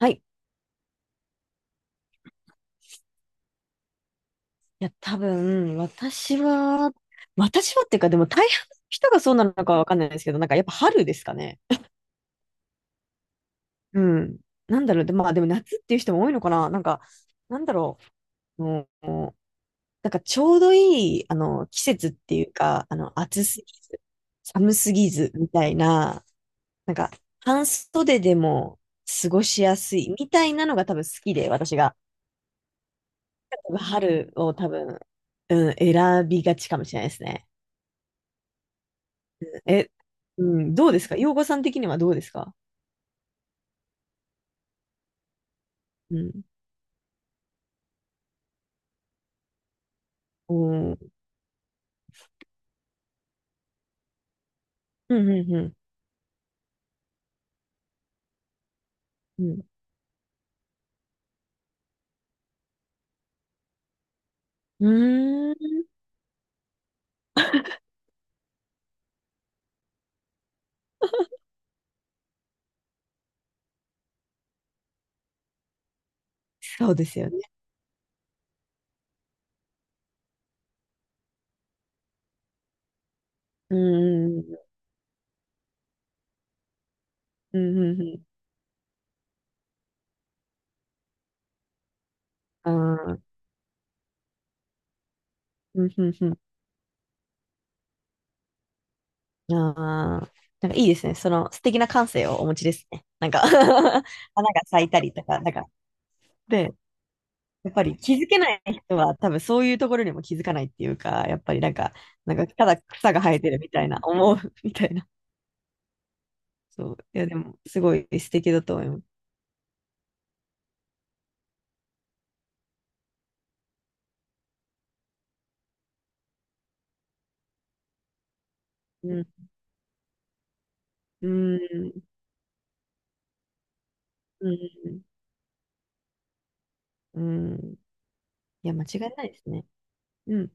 はい。いや、多分、私は、っていうか、でも大半の人がそうなのかわかんないですけど、なんかやっぱ春ですかね。うん。なんだろう、で、まあでも夏っていう人も多いのかな。なんか、なんだろう、もう、なんかちょうどいい、季節っていうか、暑すぎず、寒すぎず、みたいな、なんか、半袖でも過ごしやすい、みたいなのが多分好きで、私が。春を多分、うん、選びがちかもしれないですね。え、うん、どうですか、洋子さん的にはどうですか？うん。おー、うん、うん、うん。うん。うーん。そうですよね。うん、うん、うん、うん。うん、あ、うん、うん、うん。ああ。なんかいいですね。その素敵な感性をお持ちですね。なんか 花が咲いたりとか、なんか、で、やっぱり気づけない人は多分そういうところにも気づかないっていうか、やっぱりなんか、なんかただ草が生えてるみたいな、思うみたいな。そう。いや、でも、すごい素敵だと思います。うん。うん。うん。うん。うん、いや、間違いないですね。うん。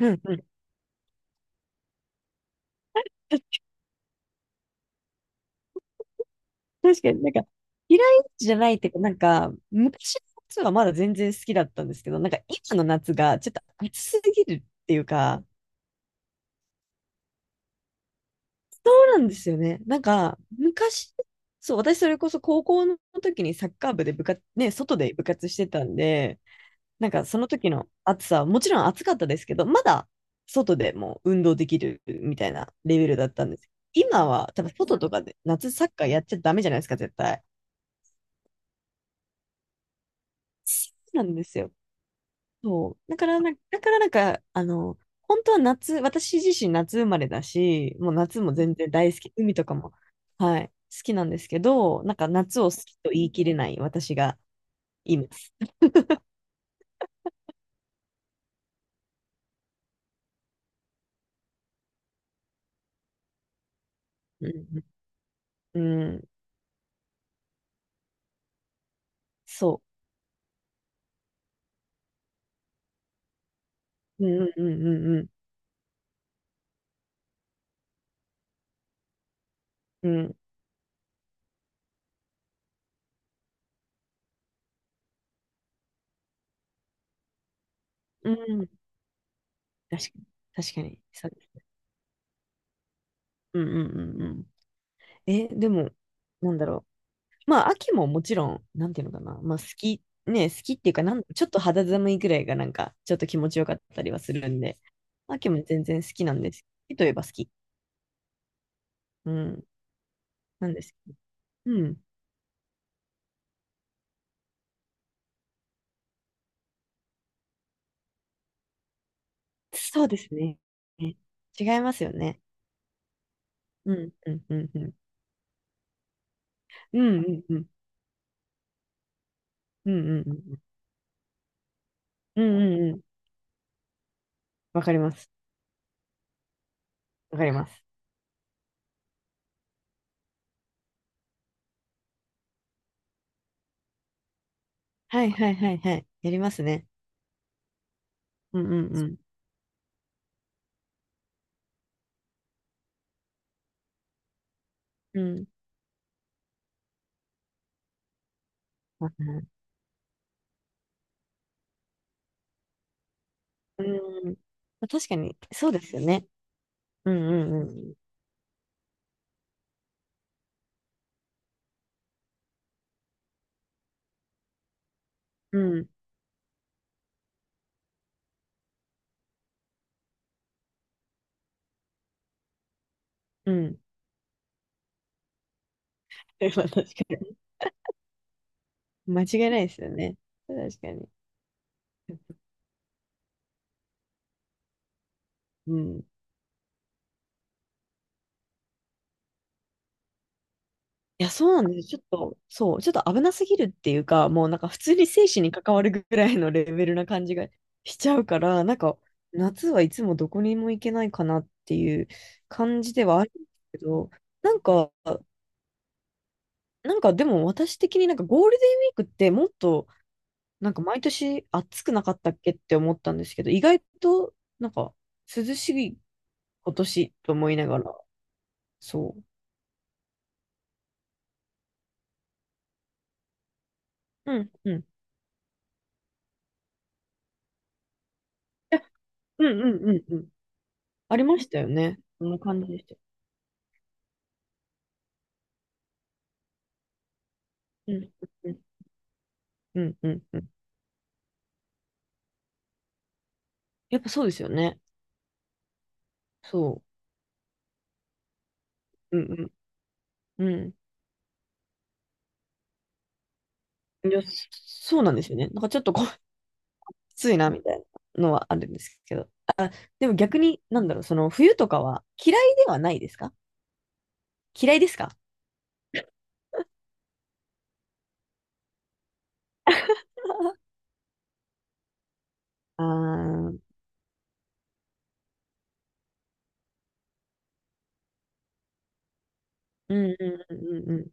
うん。うん。確かになんか、嫌いじゃないっていうか、なんか、昔の夏はまだ全然好きだったんですけど、なんか今の夏がちょっと暑すぎるっていうか、そうなんですよね。なんか、昔、そう、私それこそ高校の時にサッカー部で部活、ね、外で部活してたんで、なんかその時の暑さはもちろん暑かったですけど、まだ外でもう運動できるみたいなレベルだったんです。今は多分外とかで夏サッカーやっちゃダメじゃないですか、絶対。そうなんですよ。そう。だからなんか、本当は夏、私自身夏生まれだし、もう夏も全然大好き、海とかも、はい、好きなんですけど、なんか夏を好きと言い切れない私がいます。うん、うん、そう。うん、うん、うん、うん、うん、うん。確かに、確かに。そうですね、うんうんうんうん。え、でも、なんだろう。まあ、秋ももちろん、なんていうのかな。まあ、好き、ね、好きっていうか、なん、ちょっと肌寒いぐらいが、なんか、ちょっと気持ちよかったりはするんで、秋も全然好きなんです。好きといえば好き。うん、なんですけど。うん、そうですね。ね、違いますよね。うん、うん、うん、うん。うん、うん、うん、うん、うん、うん、うん、うんうんうん。わかります。わかります。はい、はい、はい、はい。やりますね。うん、うん、うん。うん。うん。まあ確かに、そうですよね。うんうんうん。うん、うん。それは確かに。間違いないですよね。確かに。うん。いや、そうなんです。ちょっと、そう、ちょっと危なすぎるっていうか、もうなんか普通に生死に関わるぐらいのレベルな感じがしちゃうから、なんか夏はいつもどこにも行けないかなっていう感じではあるんですけど、なんか、なんかでも私的になんかゴールデンウィークってもっとなんか毎年暑くなかったっけって思ったんですけど、意外となんか涼しい今年と思いながら、そう。うん、うん、うん、うん、うん、うん。ありましたよね。そんな感じでした。うん、うん、うん、うん。うん、やっぱそうですよね。そう。うん、うん、うん。いや、そうなんですよね。なんかちょっとこう、きついな、みたいなのはあるんですけど。あ、でも逆に、なんだろう、その冬とかは嫌いではないですか？嫌いですか？ああー、うん、うん、うん、うん。うん、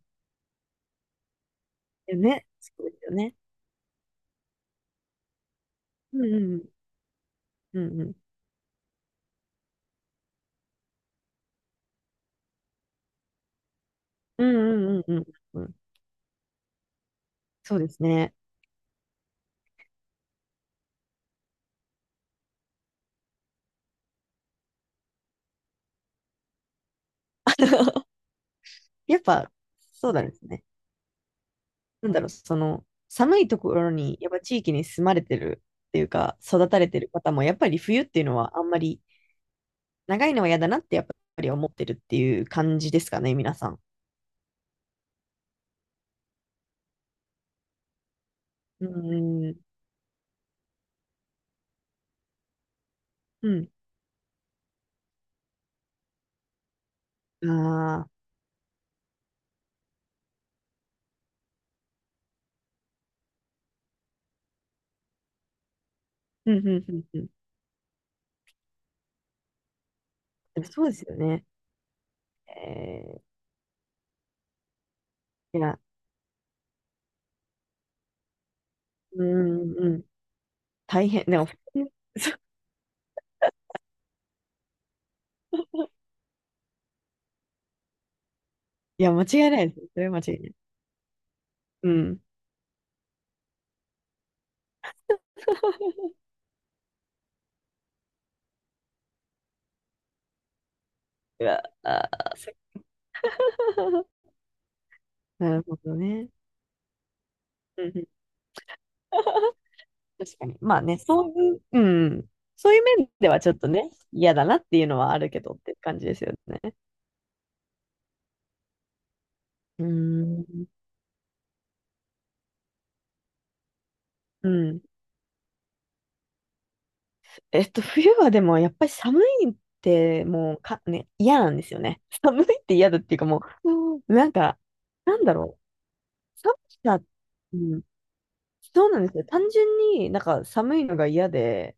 よね。そうですよね。うんうんうん。うんうん。うんうんうんうんうん。そうですね。やっぱ、そうなんですね。なんだろう、その、寒いところに、やっぱ地域に住まれてるっていうか、育たれてる方も、やっぱり冬っていうのはあんまり、長いのは嫌だなって、やっぱり思ってるっていう感じですかね、皆さん。うん、うん。ああ、うん、うん、うん、うん。でもそうですよね。えー、いや、うん、うん。大変。でも、いや、間違いないです。それは間違いない。うん。うわ、あー、そ なるほどね。うんうん 確かに。まあね、そういう、うん。そういう面ではちょっとね、嫌だなっていうのはあるけどって感じですよね。うーん。うん。えっと、冬はでもやっぱり寒いってもうか、ね、嫌なんですよね。寒いって嫌だっていうかもう、うん、なんか、なんだろう。寒さ、うん。そうなんですよ。単純になんか寒いのが嫌で、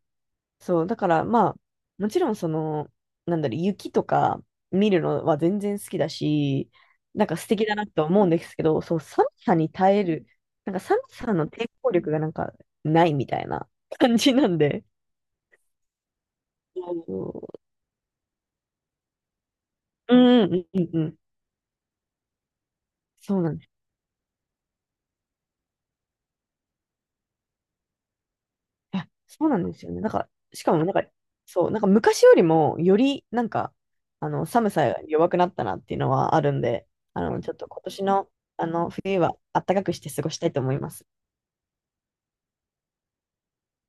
そう、だからまあ、もちろんその、なんだろう、雪とか見るのは全然好きだし、なんか素敵だなと思うんですけど、そう、寒さに耐える、なんか寒さの抵抗力がなんかないみたいな感じなんで。そう、うんうんうんうん。そうなんです。あ、そうなんですよね。なんか、しかもなんか、そう、なんか昔よりもよりなんか、寒さが弱くなったなっていうのはあるんで、ちょっと今年の、あの、冬は暖かくして過ごしたいと思います。